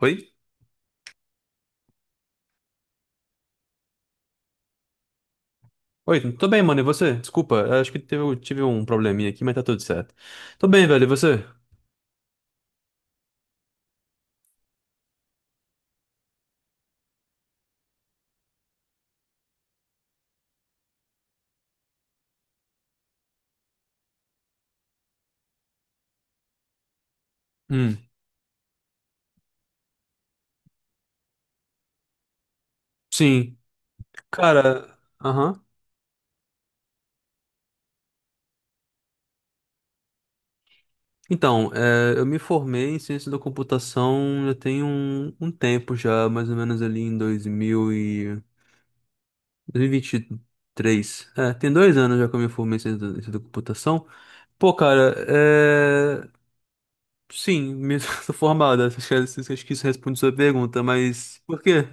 Oi? Oi, tô bem, mano. E você? Desculpa, acho que tive um probleminha aqui, mas tá tudo certo. Tô bem, velho. E você? Hum, sim. Cara, aham. Então, eu me formei em ciência da computação já tem um tempo já, mais ou menos ali em 2000 e 2023. É, tem dois anos já que eu me formei em ciência da computação. Pô, cara, é... Sim, me sou formado. Acho que isso responde sua pergunta, mas por quê?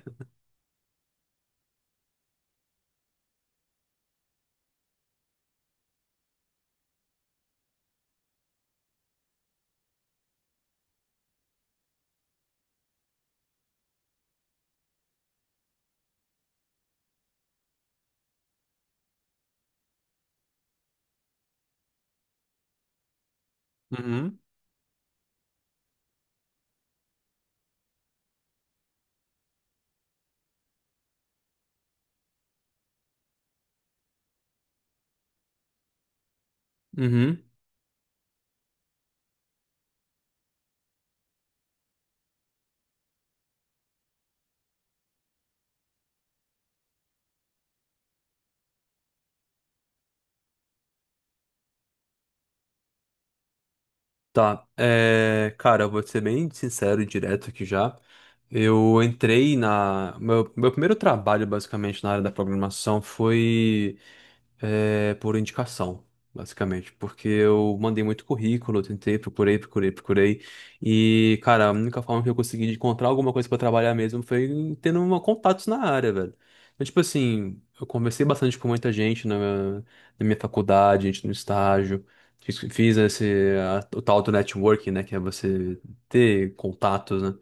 Uhum, uhum. Tá, cara, eu vou ser bem sincero e direto aqui já. Eu entrei na. Meu primeiro trabalho, basicamente, na área da programação foi por indicação, basicamente, porque eu mandei muito currículo, tentei, procurei, procurei, procurei, e, cara, a única forma que eu consegui de encontrar alguma coisa pra trabalhar mesmo foi tendo uma, contatos na área, velho. Então, tipo assim, eu conversei bastante com muita gente na minha faculdade, gente no estágio, fiz esse, o tal do networking, né, que é você ter contatos, né?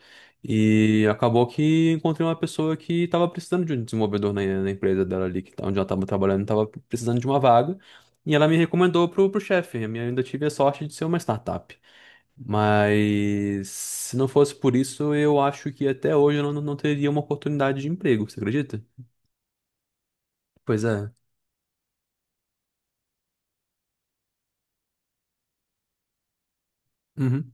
E acabou que encontrei uma pessoa que estava precisando de um desenvolvedor na empresa dela ali, que, onde ela estava trabalhando, estava precisando de uma vaga. E ela me recomendou pro chefe. Eu ainda tive a sorte de ser uma startup. Mas se não fosse por isso, eu acho que até hoje eu não teria uma oportunidade de emprego, você acredita? Pois é. Uhum.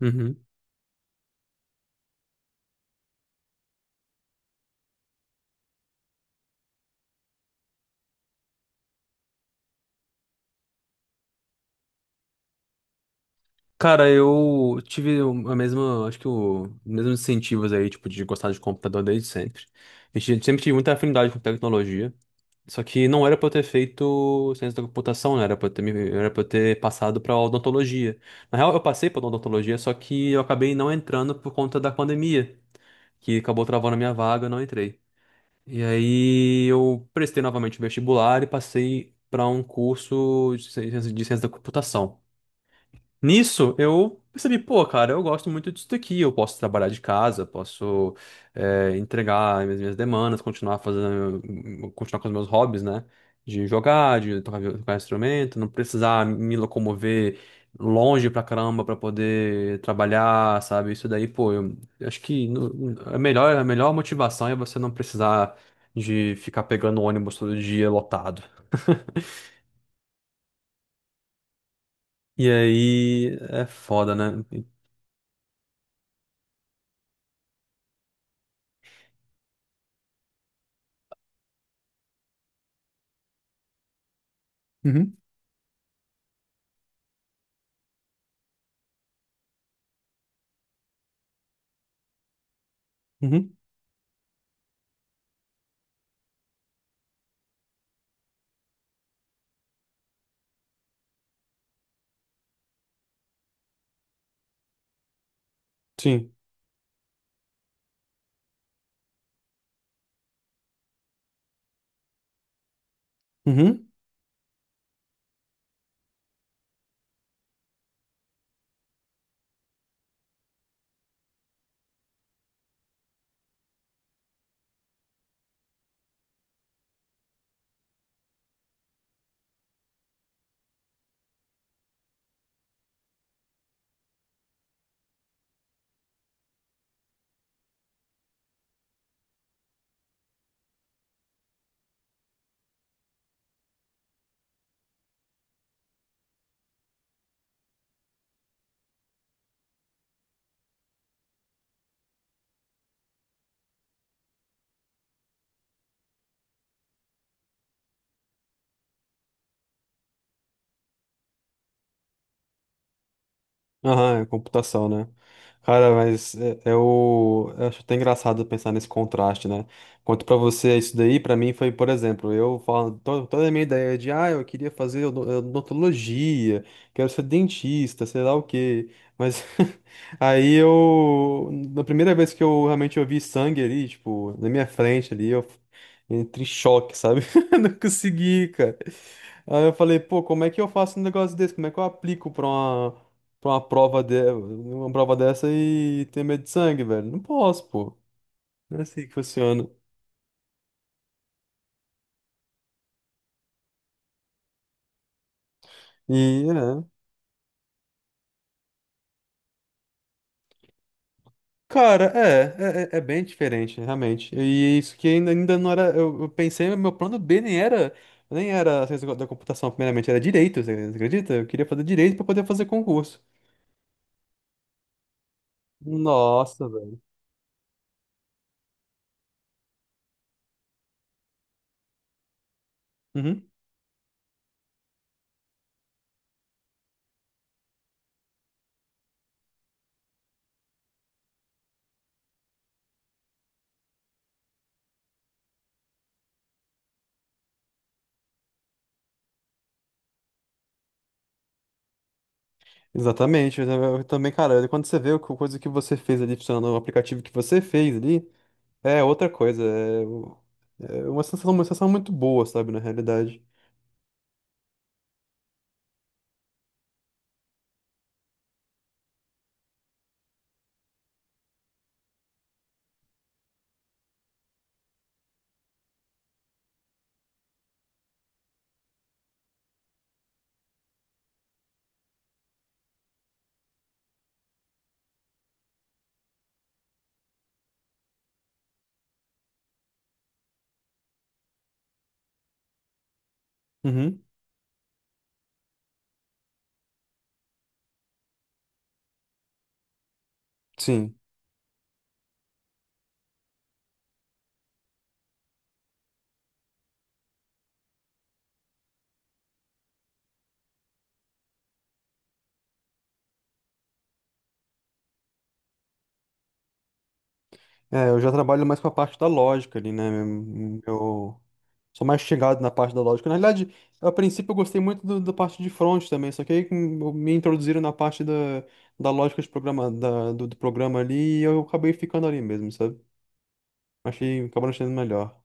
Uhum. Cara, eu tive a mesma, acho que os mesmos incentivos aí, tipo, de gostar de computador desde sempre. A gente sempre tive muita afinidade com tecnologia. Só que não era pra eu ter feito ciência da computação, né? Era pra eu era pra eu ter passado pra odontologia. Na real, eu passei pra odontologia, só que eu acabei não entrando por conta da pandemia, que acabou travando a minha vaga, eu não entrei. E aí eu prestei novamente o vestibular e passei pra um curso de ciência da computação. Nisso, eu percebi, pô, cara, eu gosto muito disso daqui. Eu posso trabalhar de casa, posso entregar as minhas demandas, continuar fazendo, continuar com os meus hobbies, né? De jogar, de tocar, tocar instrumento, não precisar me locomover longe pra caramba pra poder trabalhar, sabe? Isso daí, pô, eu acho que no- a melhor motivação é você não precisar de ficar pegando ônibus todo dia lotado. E aí é foda, né? Uhum, sim. Uhum. Aham, é computação, né? Cara, é o... eu acho até engraçado pensar nesse contraste, né? Quanto pra você isso daí, pra mim foi, por exemplo, eu falo toda a minha ideia de, ah, eu queria fazer odontologia, quero ser dentista, sei lá o quê. Mas aí eu, na primeira vez que eu realmente eu vi sangue ali, tipo, na minha frente ali, eu entrei em choque, sabe? Não consegui, cara. Aí eu falei, pô, como é que eu faço um negócio desse? Como é que eu aplico pra uma prova de... uma prova dessa e ter medo de sangue, velho. Não posso, pô. Não é assim que funciona. E, é. Cara, é bem diferente, realmente. E isso que ainda não era. Eu pensei, meu plano B nem era. Nem era ciência da computação, primeiramente, era direito, você acredita? Eu queria fazer direito pra poder fazer concurso. Nossa, velho. Uhum. Exatamente. Eu também, cara, quando você vê a coisa que você fez ali funcionando, o aplicativo que você fez ali, é outra coisa. É, É uma sensação muito boa, sabe, na realidade. Uhum, sim. É, eu já trabalho mais com a parte da lógica ali, né? Eu eu sou mais chegado na parte da lógica. Na realidade, a princípio eu gostei muito da parte de front também, só que aí me introduziram da lógica do programa ali e eu acabei ficando ali mesmo, sabe? Acabou achando melhor.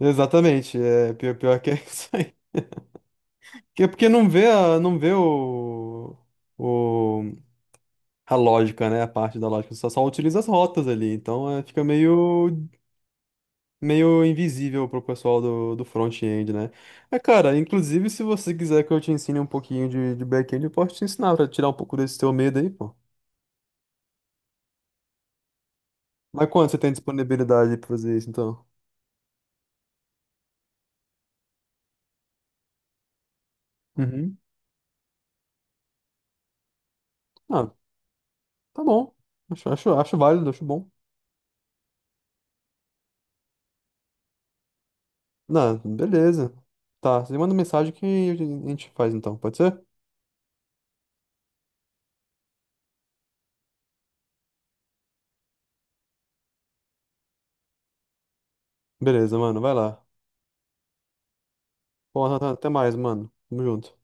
Exatamente, é pior, pior que é isso aí. Que é porque não vê o a lógica, né? A parte da lógica. Só utiliza as rotas ali. Então é, meio invisível pro pessoal do front-end, né? É, cara, inclusive se você quiser que eu te ensine um pouquinho de back-end, eu posso te ensinar pra tirar um pouco desse teu medo aí, pô. Mas quando você tem disponibilidade pra fazer isso, então? Uhum. Ah, tá bom. Acho válido, acho bom. Não, beleza. Tá, você manda mensagem que a gente faz então, pode ser? Beleza, mano, vai lá. Bom, até mais, mano. Tamo junto.